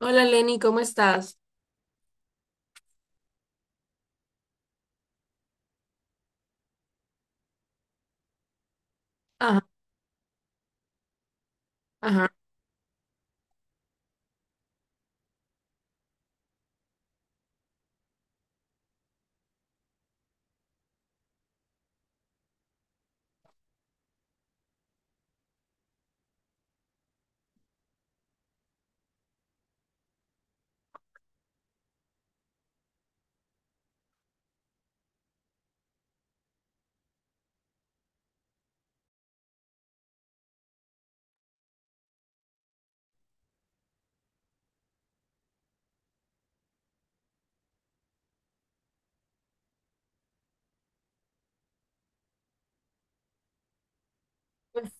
Hola Lenny, ¿cómo estás? Ajá, ajá.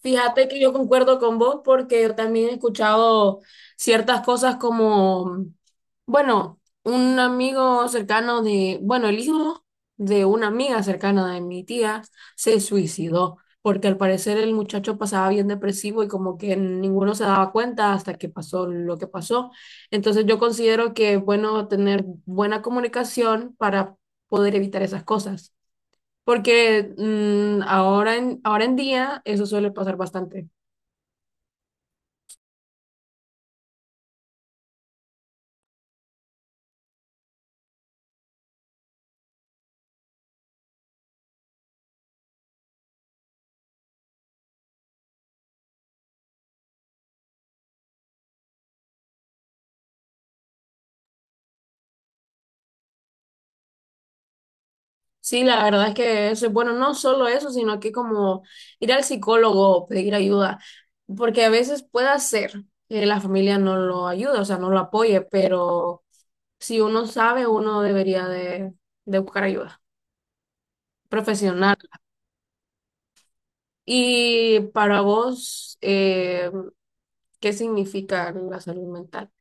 Fíjate que yo concuerdo con vos porque yo también he escuchado ciertas cosas como, bueno, un amigo cercano bueno, el hijo de una amiga cercana de mi tía se suicidó porque al parecer el muchacho pasaba bien depresivo y como que ninguno se daba cuenta hasta que pasó lo que pasó. Entonces yo considero que es bueno tener buena comunicación para poder evitar esas cosas. Porque ahora ahora en día eso suele pasar bastante. Sí, la verdad es que eso es bueno, no solo eso, sino que como ir al psicólogo, pedir ayuda, porque a veces puede ser que la familia no lo ayude, o sea, no lo apoye, pero si uno sabe, uno debería de buscar ayuda profesional. Y para vos, ¿qué significa la salud mental?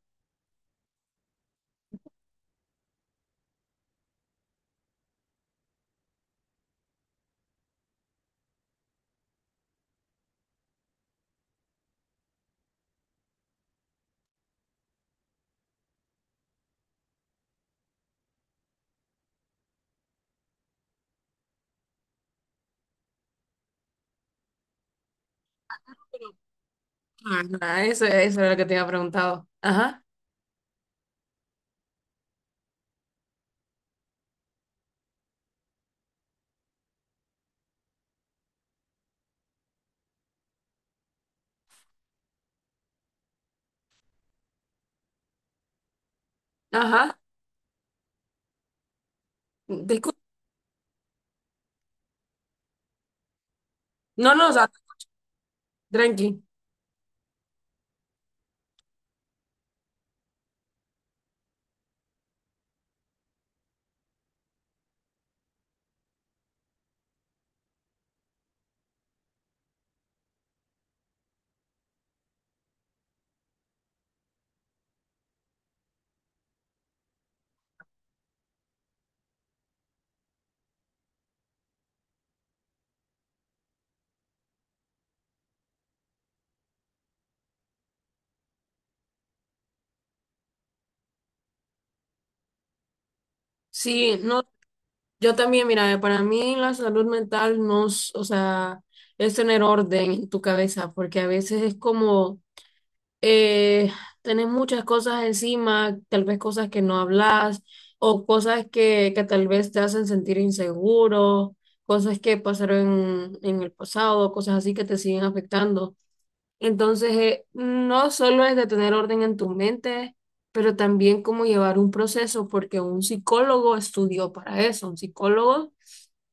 Ajá, eso era lo que te había preguntado. Ajá, ajá, disculpa. No, no, o sea, tranqui. Sí, no, yo también, mira, para mí la salud mental no, es- o sea, es tener orden en tu cabeza, porque a veces es como eh, tenés muchas cosas encima, tal vez cosas que no hablas, o cosas que tal vez te hacen sentir inseguro, cosas que pasaron en el pasado, cosas así que te siguen afectando. Entonces, no solo es de tener orden en tu mente, pero también cómo llevar un proceso, porque un psicólogo estudió para eso, un psicólogo,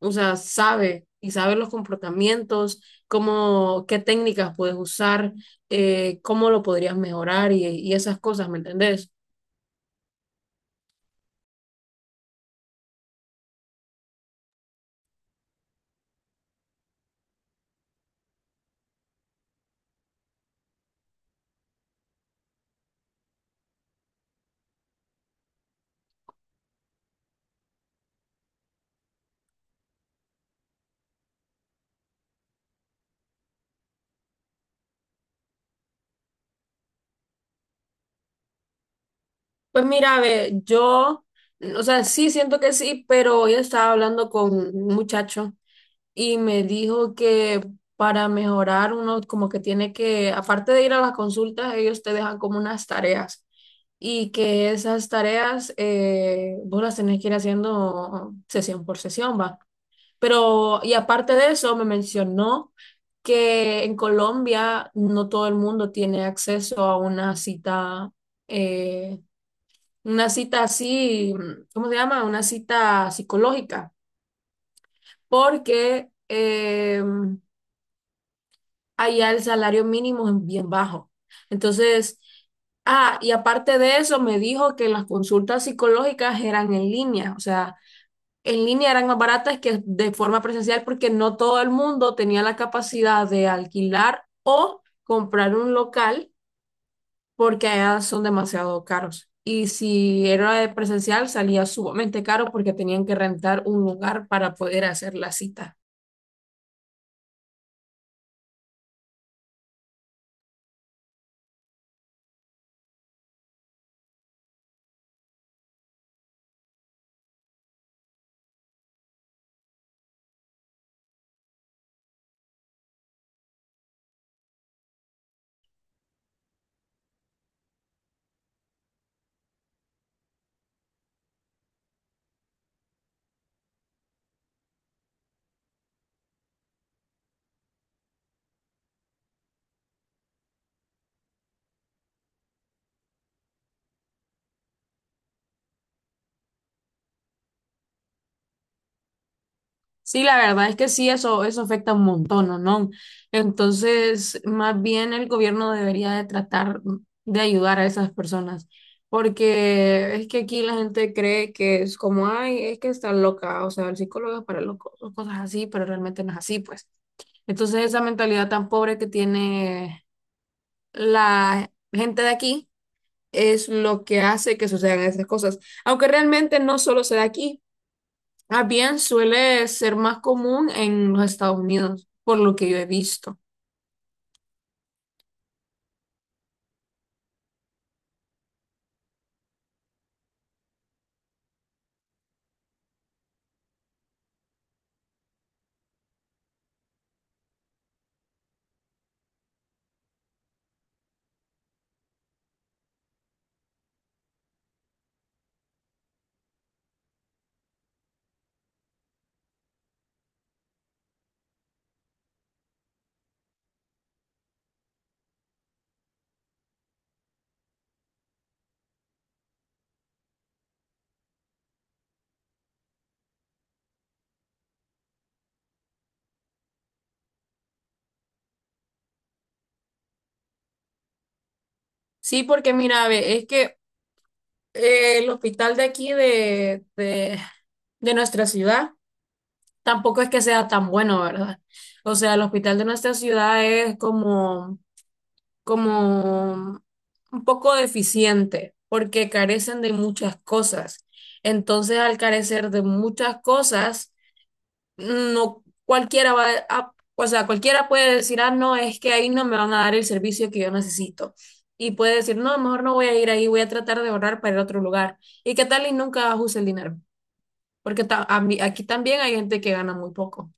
o sea, sabe y sabe los comportamientos, cómo, qué técnicas puedes usar, cómo lo podrías mejorar y esas cosas, ¿me entendés? Pues mira, ve, yo, o sea, sí siento que sí, pero yo estaba hablando con un muchacho y me dijo que para mejorar uno como que tiene que, aparte de ir a las consultas, ellos te dejan como unas tareas y que esas tareas vos las tenés que ir haciendo sesión por sesión, va. Pero, y aparte de eso, me mencionó que en Colombia no todo el mundo tiene acceso a eh, una cita así, ¿cómo se llama? Una cita psicológica, porque allá el salario mínimo es bien bajo. Entonces, ah, y aparte de eso, me dijo que las consultas psicológicas eran en línea, o sea, en línea eran más baratas que de forma presencial porque no todo el mundo tenía la capacidad de alquilar o comprar un local porque allá son demasiado caros. Y si era de presencial, salía sumamente caro porque tenían que rentar un lugar para poder hacer la cita. Sí, la verdad es que sí, eso afecta un montón, ¿no? ¿No? Entonces, más bien el gobierno debería de tratar de ayudar a esas personas, porque es que aquí la gente cree que es como, ay, es que está loca, o sea, el psicólogo es para locos, o cosas así, pero realmente no es así, pues. Entonces, esa mentalidad tan pobre que tiene la gente de aquí es lo que hace que sucedan esas cosas, aunque realmente no solo se da aquí. Ah, bien suele ser más común en los Estados Unidos, por lo que yo he visto. Sí, porque mira, ve, es que el hospital de aquí de nuestra ciudad tampoco es que sea tan bueno, ¿verdad? O sea, el hospital de nuestra ciudad es como, como un poco deficiente, porque carecen de muchas cosas. Entonces, al carecer de muchas cosas, no cualquiera va a, o sea, cualquiera puede decir, ah, no, es que ahí no me van a dar el servicio que yo necesito. Y puede decir, no, mejor no voy a ir ahí, voy a tratar de ahorrar para ir a otro lugar. ¿Y qué tal y nunca use el dinero? Porque aquí también hay gente que gana muy poco.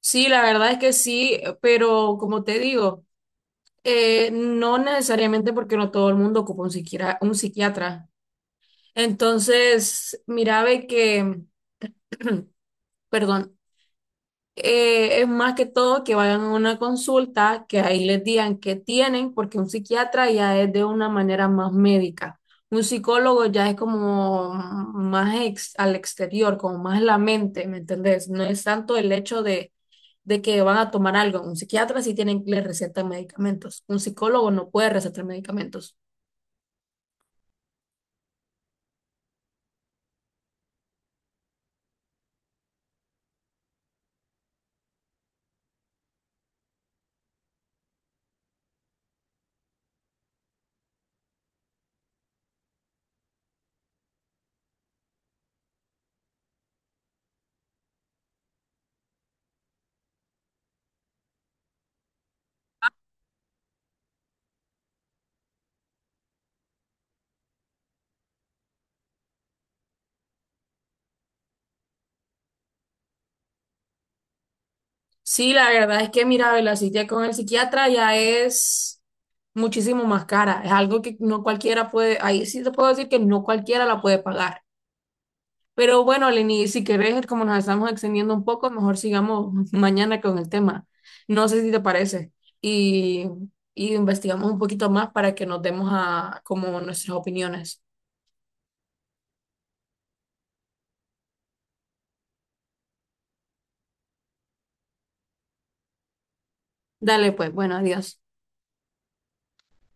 Sí, la verdad es que sí, pero como te digo, no necesariamente porque no todo el mundo ocupa un psiquiatra. Entonces, mira, ve que, perdón, es más que todo que vayan a una consulta, que ahí les digan qué tienen, porque un psiquiatra ya es de una manera más médica. Un psicólogo ya es como más al exterior, como más la mente, ¿me entendés? No es tanto el hecho de que van a tomar algo. Un psiquiatra sí tienen, le recetan medicamentos. Un psicólogo no puede recetar medicamentos. Sí, la verdad es que, mira, la cita con el psiquiatra ya es muchísimo más cara. Es algo que no cualquiera puede, ahí sí te puedo decir que no cualquiera la puede pagar. Pero bueno, Lenny, si querés, como nos estamos extendiendo un poco, mejor sigamos mañana con el tema. No sé si te parece. Y, y investigamos un poquito más para que nos demos a como nuestras opiniones. Dale, pues, bueno, adiós.